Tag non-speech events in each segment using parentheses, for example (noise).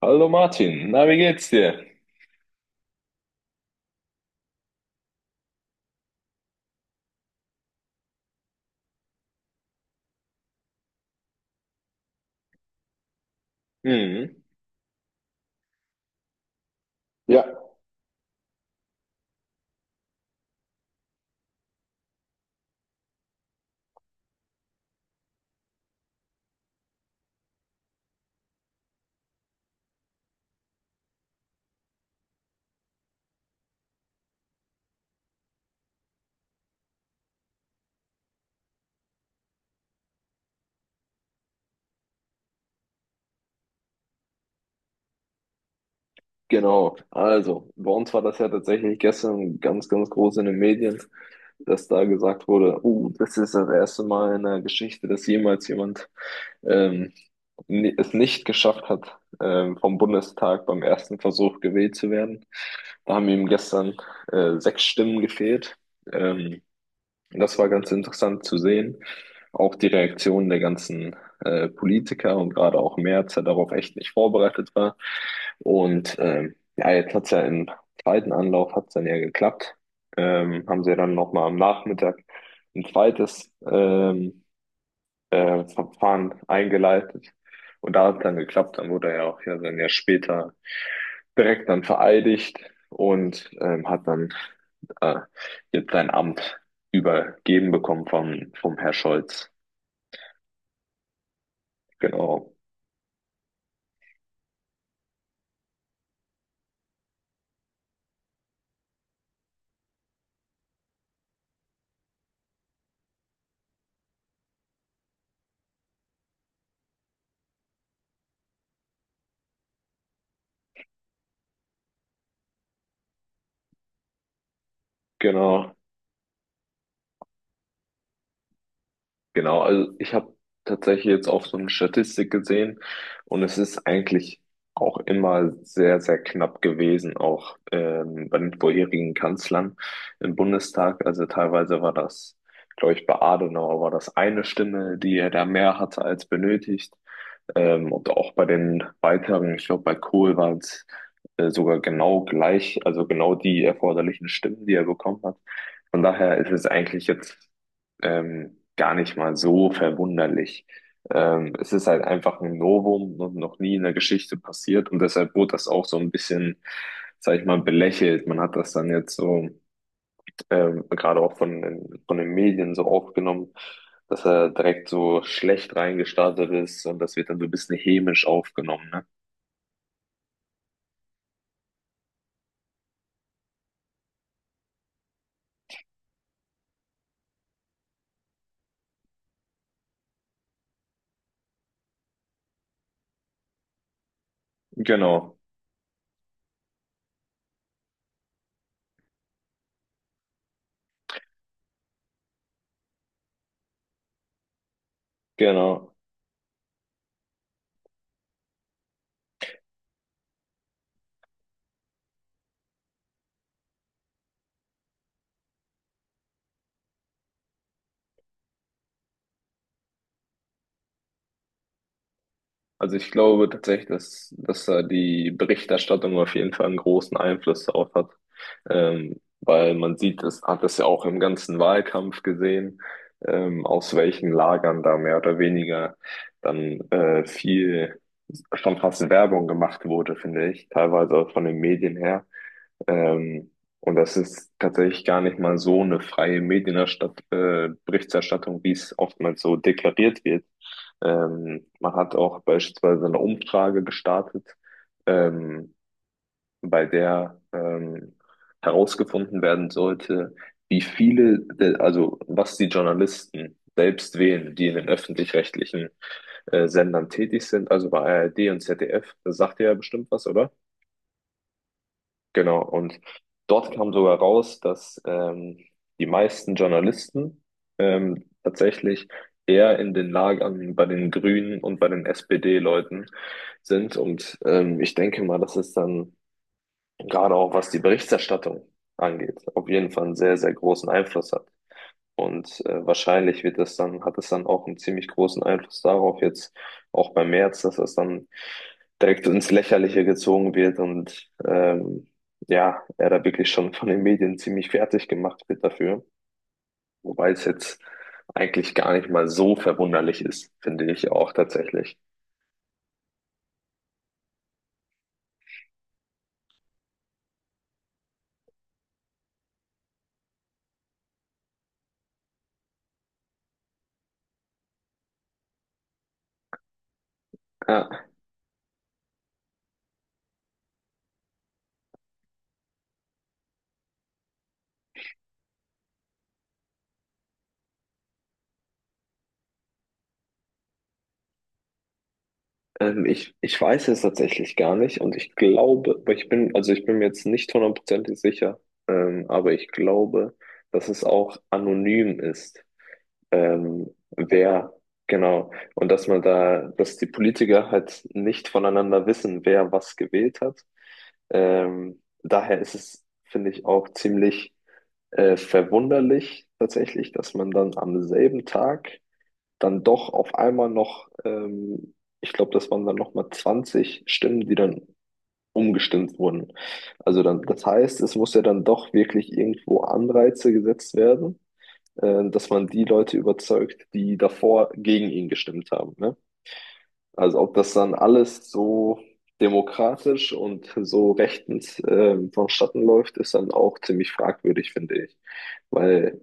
Hallo Martin, na, wie geht's dir? Mhm. Ja, genau. Also, bei uns war das ja tatsächlich gestern ganz, ganz groß in den Medien, dass da gesagt wurde, das ist das erste Mal in der Geschichte, dass jemals jemand ähm, es nicht geschafft hat, vom Bundestag beim ersten Versuch gewählt zu werden. Da haben ihm gestern sechs Stimmen gefehlt. Ähm, Und das war ganz interessant zu sehen. Auch die Reaktion der ganzen Politiker und gerade auch Merz, der darauf echt nicht vorbereitet war. Und ja, jetzt hat es ja im zweiten Anlauf hat's dann ja geklappt. Haben sie dann nochmal am Nachmittag ein zweites Verfahren eingeleitet. Und da hat es dann geklappt. Dann wurde er ja auch ja dann ja später direkt dann vereidigt und hat dann äh, jetzt sein Amt übergeben bekommen vom Herr Scholz. Genau, genau. Genau, also ich habe tatsächlich jetzt auch so eine Statistik gesehen und es ist eigentlich auch immer sehr, sehr knapp gewesen, auch bei den vorherigen Kanzlern im Bundestag. Also teilweise war das, glaube ich, bei Adenauer war das eine Stimme, die er da mehr hatte als benötigt. Und auch bei den weiteren, ich glaube, bei Kohl waren es sogar genau gleich, also genau die erforderlichen Stimmen, die er bekommen hat. Von daher ist es eigentlich jetzt gar nicht mal so verwunderlich. Es ist halt einfach ein Novum und noch nie in der Geschichte passiert und deshalb wurde das auch so ein bisschen, sag ich mal, belächelt. Man hat das dann jetzt so gerade auch von den Medien so aufgenommen, dass er direkt so schlecht reingestartet ist und das wird dann so ein bisschen hämisch aufgenommen, ne? Genau, genau. Also ich glaube tatsächlich, dass da die Berichterstattung auf jeden Fall einen großen Einfluss darauf hat, weil man sieht, es hat es ja auch im ganzen Wahlkampf gesehen, aus welchen Lagern da mehr oder weniger dann viel schon fast Werbung gemacht wurde, finde ich, teilweise auch von den Medien her. Ähm, und das ist tatsächlich gar nicht mal so eine freie Medienerstatt Berichterstattung, wie es oftmals so deklariert wird. Man hat auch beispielsweise eine Umfrage gestartet, ähm, bei der herausgefunden werden sollte, wie viele, der, also was die Journalisten selbst wählen, die in den öffentlich-rechtlichen Sendern tätig sind, also bei ARD und ZDF. Das sagt ihr ja bestimmt was, oder? Genau, und dort kam sogar raus, dass die meisten Journalisten tatsächlich eher in den Lagern bei den Grünen und bei den SPD-Leuten sind. Und ich denke mal, dass es dann gerade auch, was die Berichterstattung angeht, auf jeden Fall einen sehr, sehr großen Einfluss hat. Und wahrscheinlich wird das dann, hat es dann auch einen ziemlich großen Einfluss darauf, jetzt auch bei Merz, dass das dann direkt ins Lächerliche gezogen wird und ja, er da wirklich schon von den Medien ziemlich fertig gemacht wird dafür. Wobei es jetzt eigentlich gar nicht mal so verwunderlich ist, finde ich auch tatsächlich. Ja, ich weiß es tatsächlich gar nicht und ich glaube, aber ich bin, also ich bin mir jetzt nicht hundertprozentig sicher, aber ich glaube, dass es auch anonym ist. ähm, wer, genau. Und dass man da, dass die Politiker halt nicht voneinander wissen, wer was gewählt hat. Daher ist es, finde ich, auch ziemlich verwunderlich tatsächlich, dass man dann am selben Tag dann doch auf einmal noch, ich glaube, das waren dann nochmal 20 Stimmen, die dann umgestimmt wurden. Also dann, das heißt, es muss ja dann doch wirklich irgendwo Anreize gesetzt werden, dass man die Leute überzeugt, die davor gegen ihn gestimmt haben. Ne? Also ob das dann alles so demokratisch und so rechtens vonstatten läuft, ist dann auch ziemlich fragwürdig, finde ich. Weil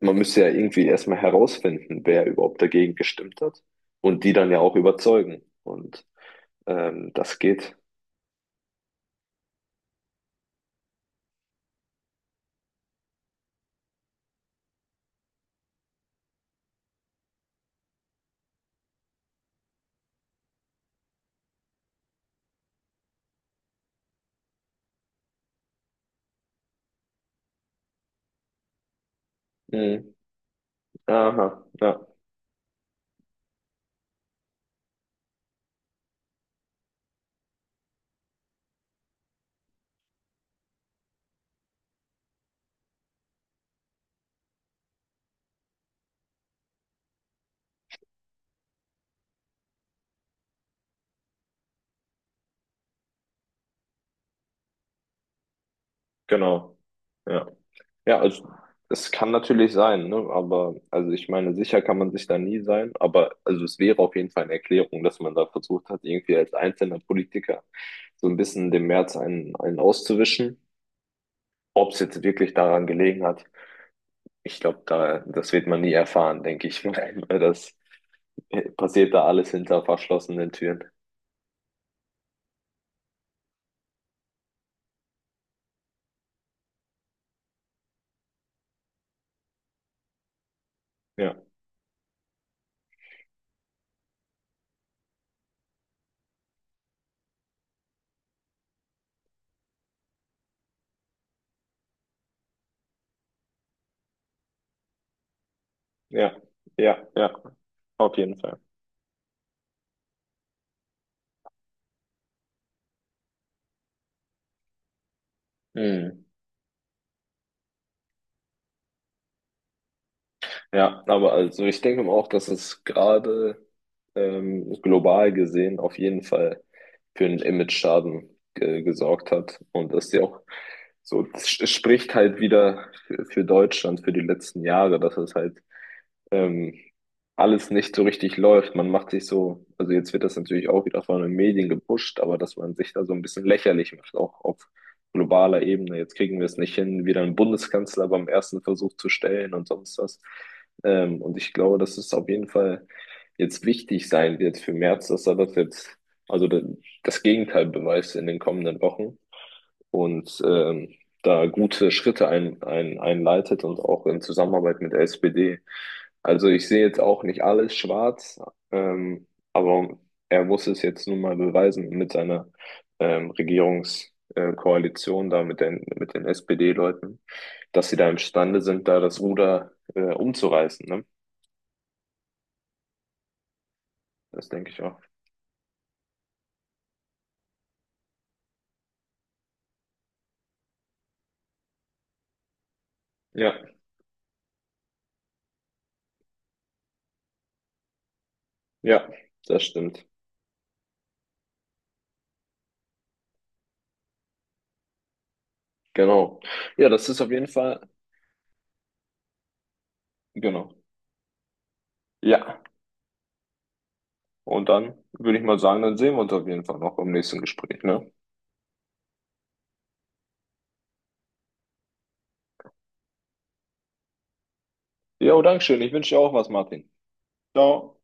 man müsste ja irgendwie erstmal herausfinden, wer überhaupt dagegen gestimmt hat und die dann ja auch überzeugen. Und das geht. Mhm. Aha, ja. Genau. Ja. Ja, also es kann natürlich sein, ne? Aber also ich meine, sicher kann man sich da nie sein, aber also es wäre auf jeden Fall eine Erklärung, dass man da versucht hat, irgendwie als einzelner Politiker so ein bisschen dem März einen auszuwischen. Ob es jetzt wirklich daran gelegen hat, ich glaube, da, das wird man nie erfahren, denke ich mal. (laughs) Weil das passiert da alles hinter verschlossenen Türen. Ja, ja, ja, ja, auf jeden Fall. Mhm. Ja, aber also ich denke auch, dass es gerade global gesehen auf jeden Fall für einen Image-Schaden gesorgt hat. Und das ist ja auch so, es spricht halt wieder für Deutschland für die letzten Jahre, dass es halt ähm, alles nicht so richtig läuft. Man macht sich so, also jetzt wird das natürlich auch wieder von den Medien gepusht, aber dass man sich da so ein bisschen lächerlich macht, auch auf globaler Ebene. Jetzt kriegen wir es nicht hin, wieder einen Bundeskanzler beim ersten Versuch zu stellen und sonst was. Und ich glaube, dass es auf jeden Fall jetzt wichtig sein wird für Merz, dass er das jetzt, also das Gegenteil beweist in den kommenden Wochen. Und da gute Schritte einleitet und auch in Zusammenarbeit mit der SPD. Also ich sehe jetzt auch nicht alles schwarz, ähm, aber er muss es jetzt nun mal beweisen mit seiner Regierungskoalition da mit den SPD-Leuten, dass sie da imstande sind, da das Ruder umzureißen. Ne? Das denke ich auch. Ja, ja, das stimmt. Genau. Ja, das ist auf jeden Fall, genau. Ja. Und dann würde ich mal sagen, dann sehen wir uns auf jeden Fall noch im nächsten Gespräch, ne? Jo, Dankeschön. Ich wünsche dir auch was, Martin. Ciao.